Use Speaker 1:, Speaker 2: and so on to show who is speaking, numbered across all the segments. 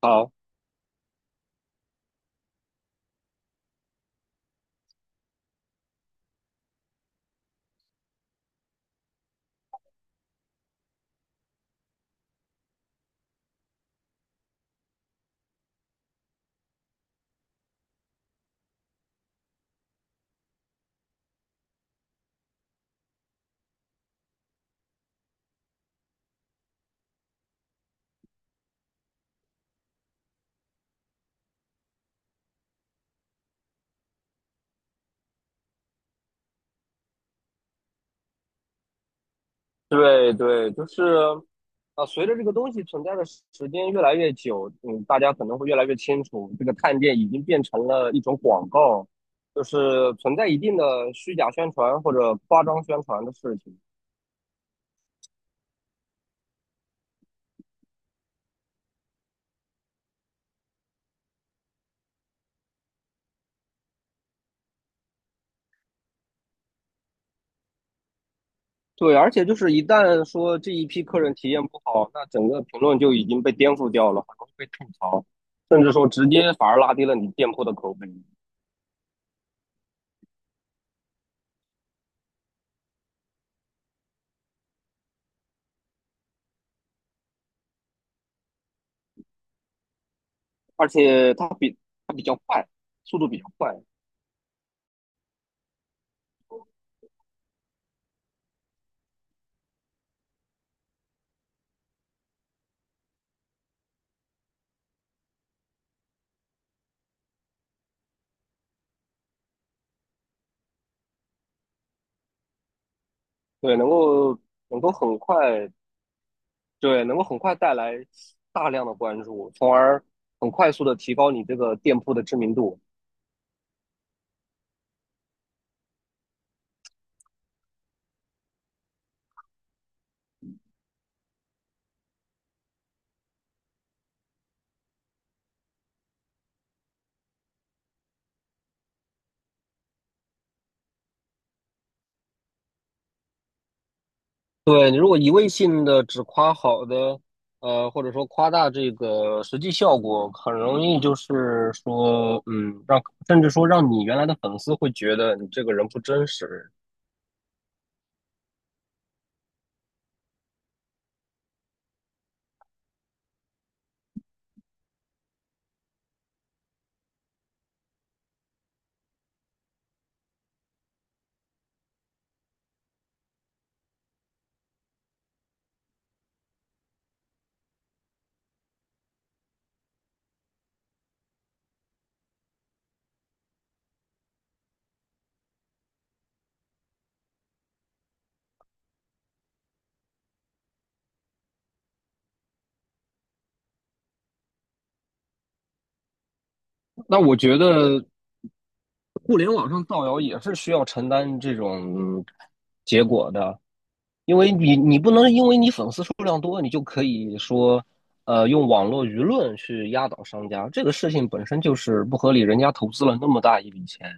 Speaker 1: 好，对对，就是啊，随着这个东西存在的时间越来越久，大家可能会越来越清楚，这个探店已经变成了一种广告，就是存在一定的虚假宣传或者夸张宣传的事情。对，而且就是一旦说这一批客人体验不好，那整个评论就已经被颠覆掉了，很容易被吐槽，甚至说直接反而拉低了你店铺的口碑。而且它比较快，速度比较快，对，能够很快。对，能够很快带来大量的关注，从而很快速的提高你这个店铺的知名度。对，你如果一味性的只夸好的，或者说夸大这个实际效果，很容易就是说，甚至说让你原来的粉丝会觉得你这个人不真实。那我觉得互联网上造谣也是需要承担这种结果的，因为你不能因为你粉丝数量多，你就可以说，用网络舆论去压倒商家，这个事情本身就是不合理。人家投资了那么大一笔钱，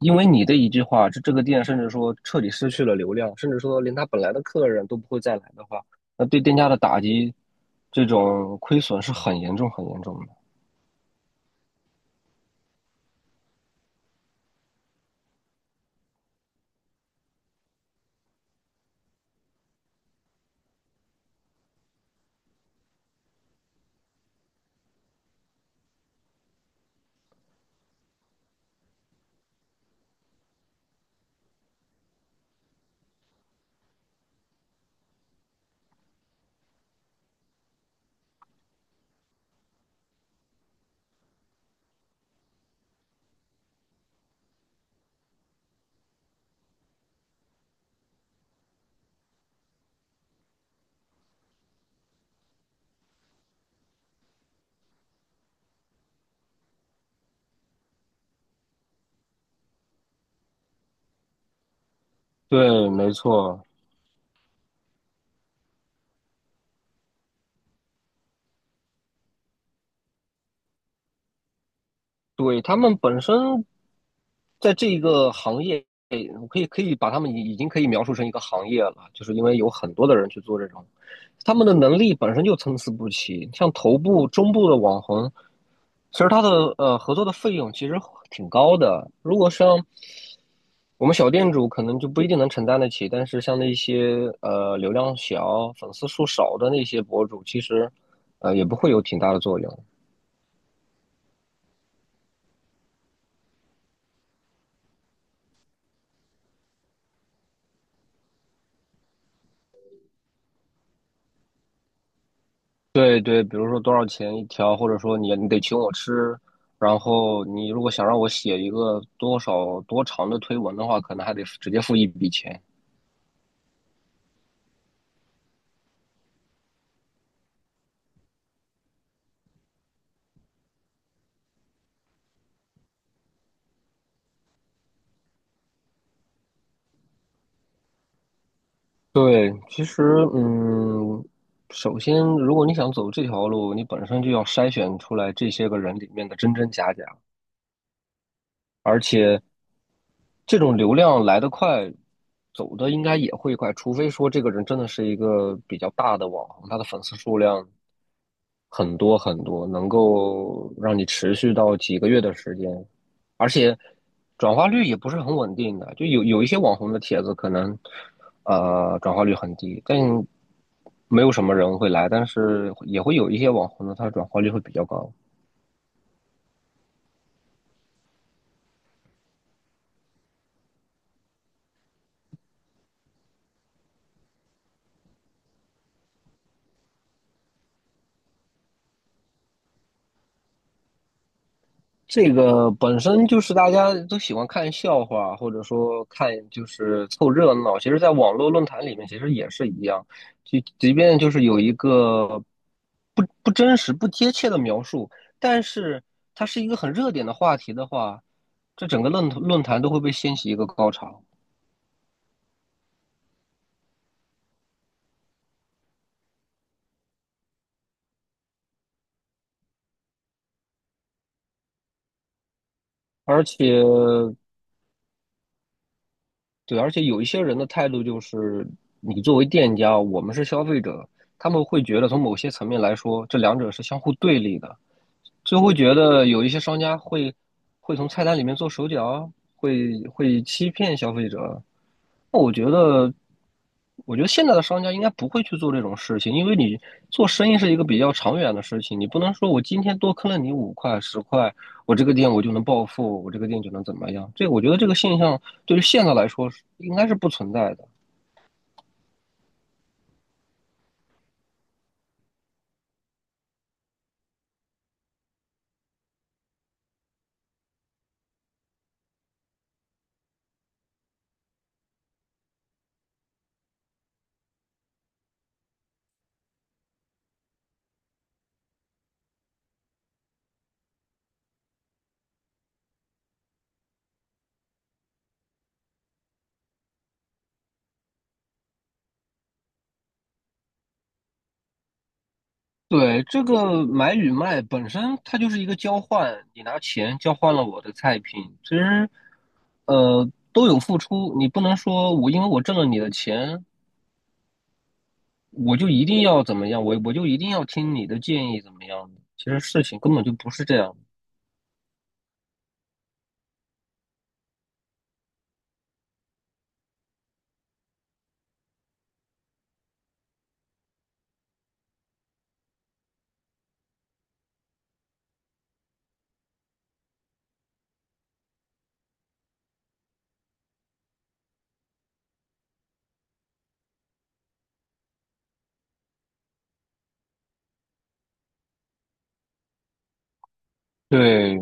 Speaker 1: 因为你的一句话，这个店甚至说彻底失去了流量，甚至说连他本来的客人都不会再来的话，那对店家的打击，这种亏损是很严重很严重的。对，没错，对，他们本身在这一个行业，我可以把他们已经可以描述成一个行业了，就是因为有很多的人去做这种，他们的能力本身就参差不齐。像头部、中部的网红，其实他的合作的费用其实挺高的。如果像我们小店主，可能就不一定能承担得起，但是像那些流量小、粉丝数少的那些博主，其实也不会有挺大的作用。对对，比如说多少钱一条，或者说你得请我吃，然后你如果想让我写一个多少多长的推文的话，可能还得直接付一笔钱。对，其实嗯，首先如果你想走这条路，你本身就要筛选出来这些个人里面的真真假假。这种流量来得快，走的应该也会快，除非说这个人真的是一个比较大的网红，他的粉丝数量，很多很多，能够让你持续到几个月的时间，而且转化率也不是很稳定的，就有一些网红的帖子可能转化率很低，但没有什么人会来，但是也会有一些网红的，他的转化率会比较高。这个本身就是大家都喜欢看笑话，或者说看就是凑热闹。其实，在网络论坛里面，其实也是一样，就即便就是有一个不真实、不贴切的描述，但是它是一个很热点的话题的话，这整个论坛都会被掀起一个高潮。而且，对，而且有一些人的态度就是，你作为店家，我们是消费者，他们会觉得从某些层面来说，这两者是相互对立的。就会觉得有一些商家会从菜单里面做手脚啊会欺骗消费者。那我觉得现在的商家应该不会去做这种事情，因为你做生意是一个比较长远的事情，你不能说我今天多坑了你五块十块，我这个店我就能暴富，我这个店就能怎么样？我觉得这个现象对于现在来说是应该是不存在的。对，这个买与卖本身它就是一个交换，你拿钱交换了我的菜品，其实都有付出，你不能说我因为我挣了你的钱，我就一定要怎么样，我就一定要听你的建议怎么样的其实事情根本就不是这样，对，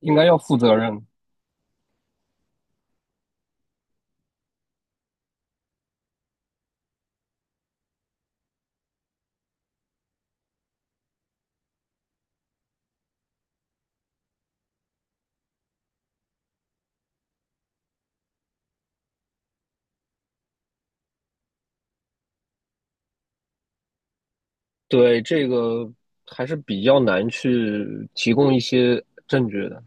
Speaker 1: 应该要负责任。对，这个还是比较难去提供一些证据的，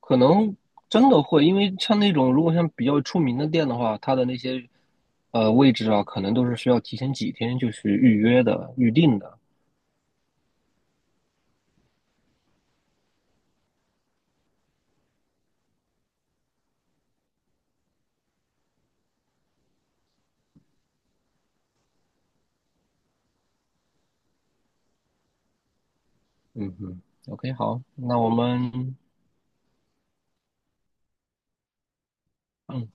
Speaker 1: 可能真的会，因为像那种如果像比较出名的店的话，它的那些位置啊，可能都是需要提前几天就去预约的、预定的。嗯嗯 o k 好，那我们嗯。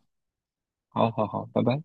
Speaker 1: 好好好，拜拜。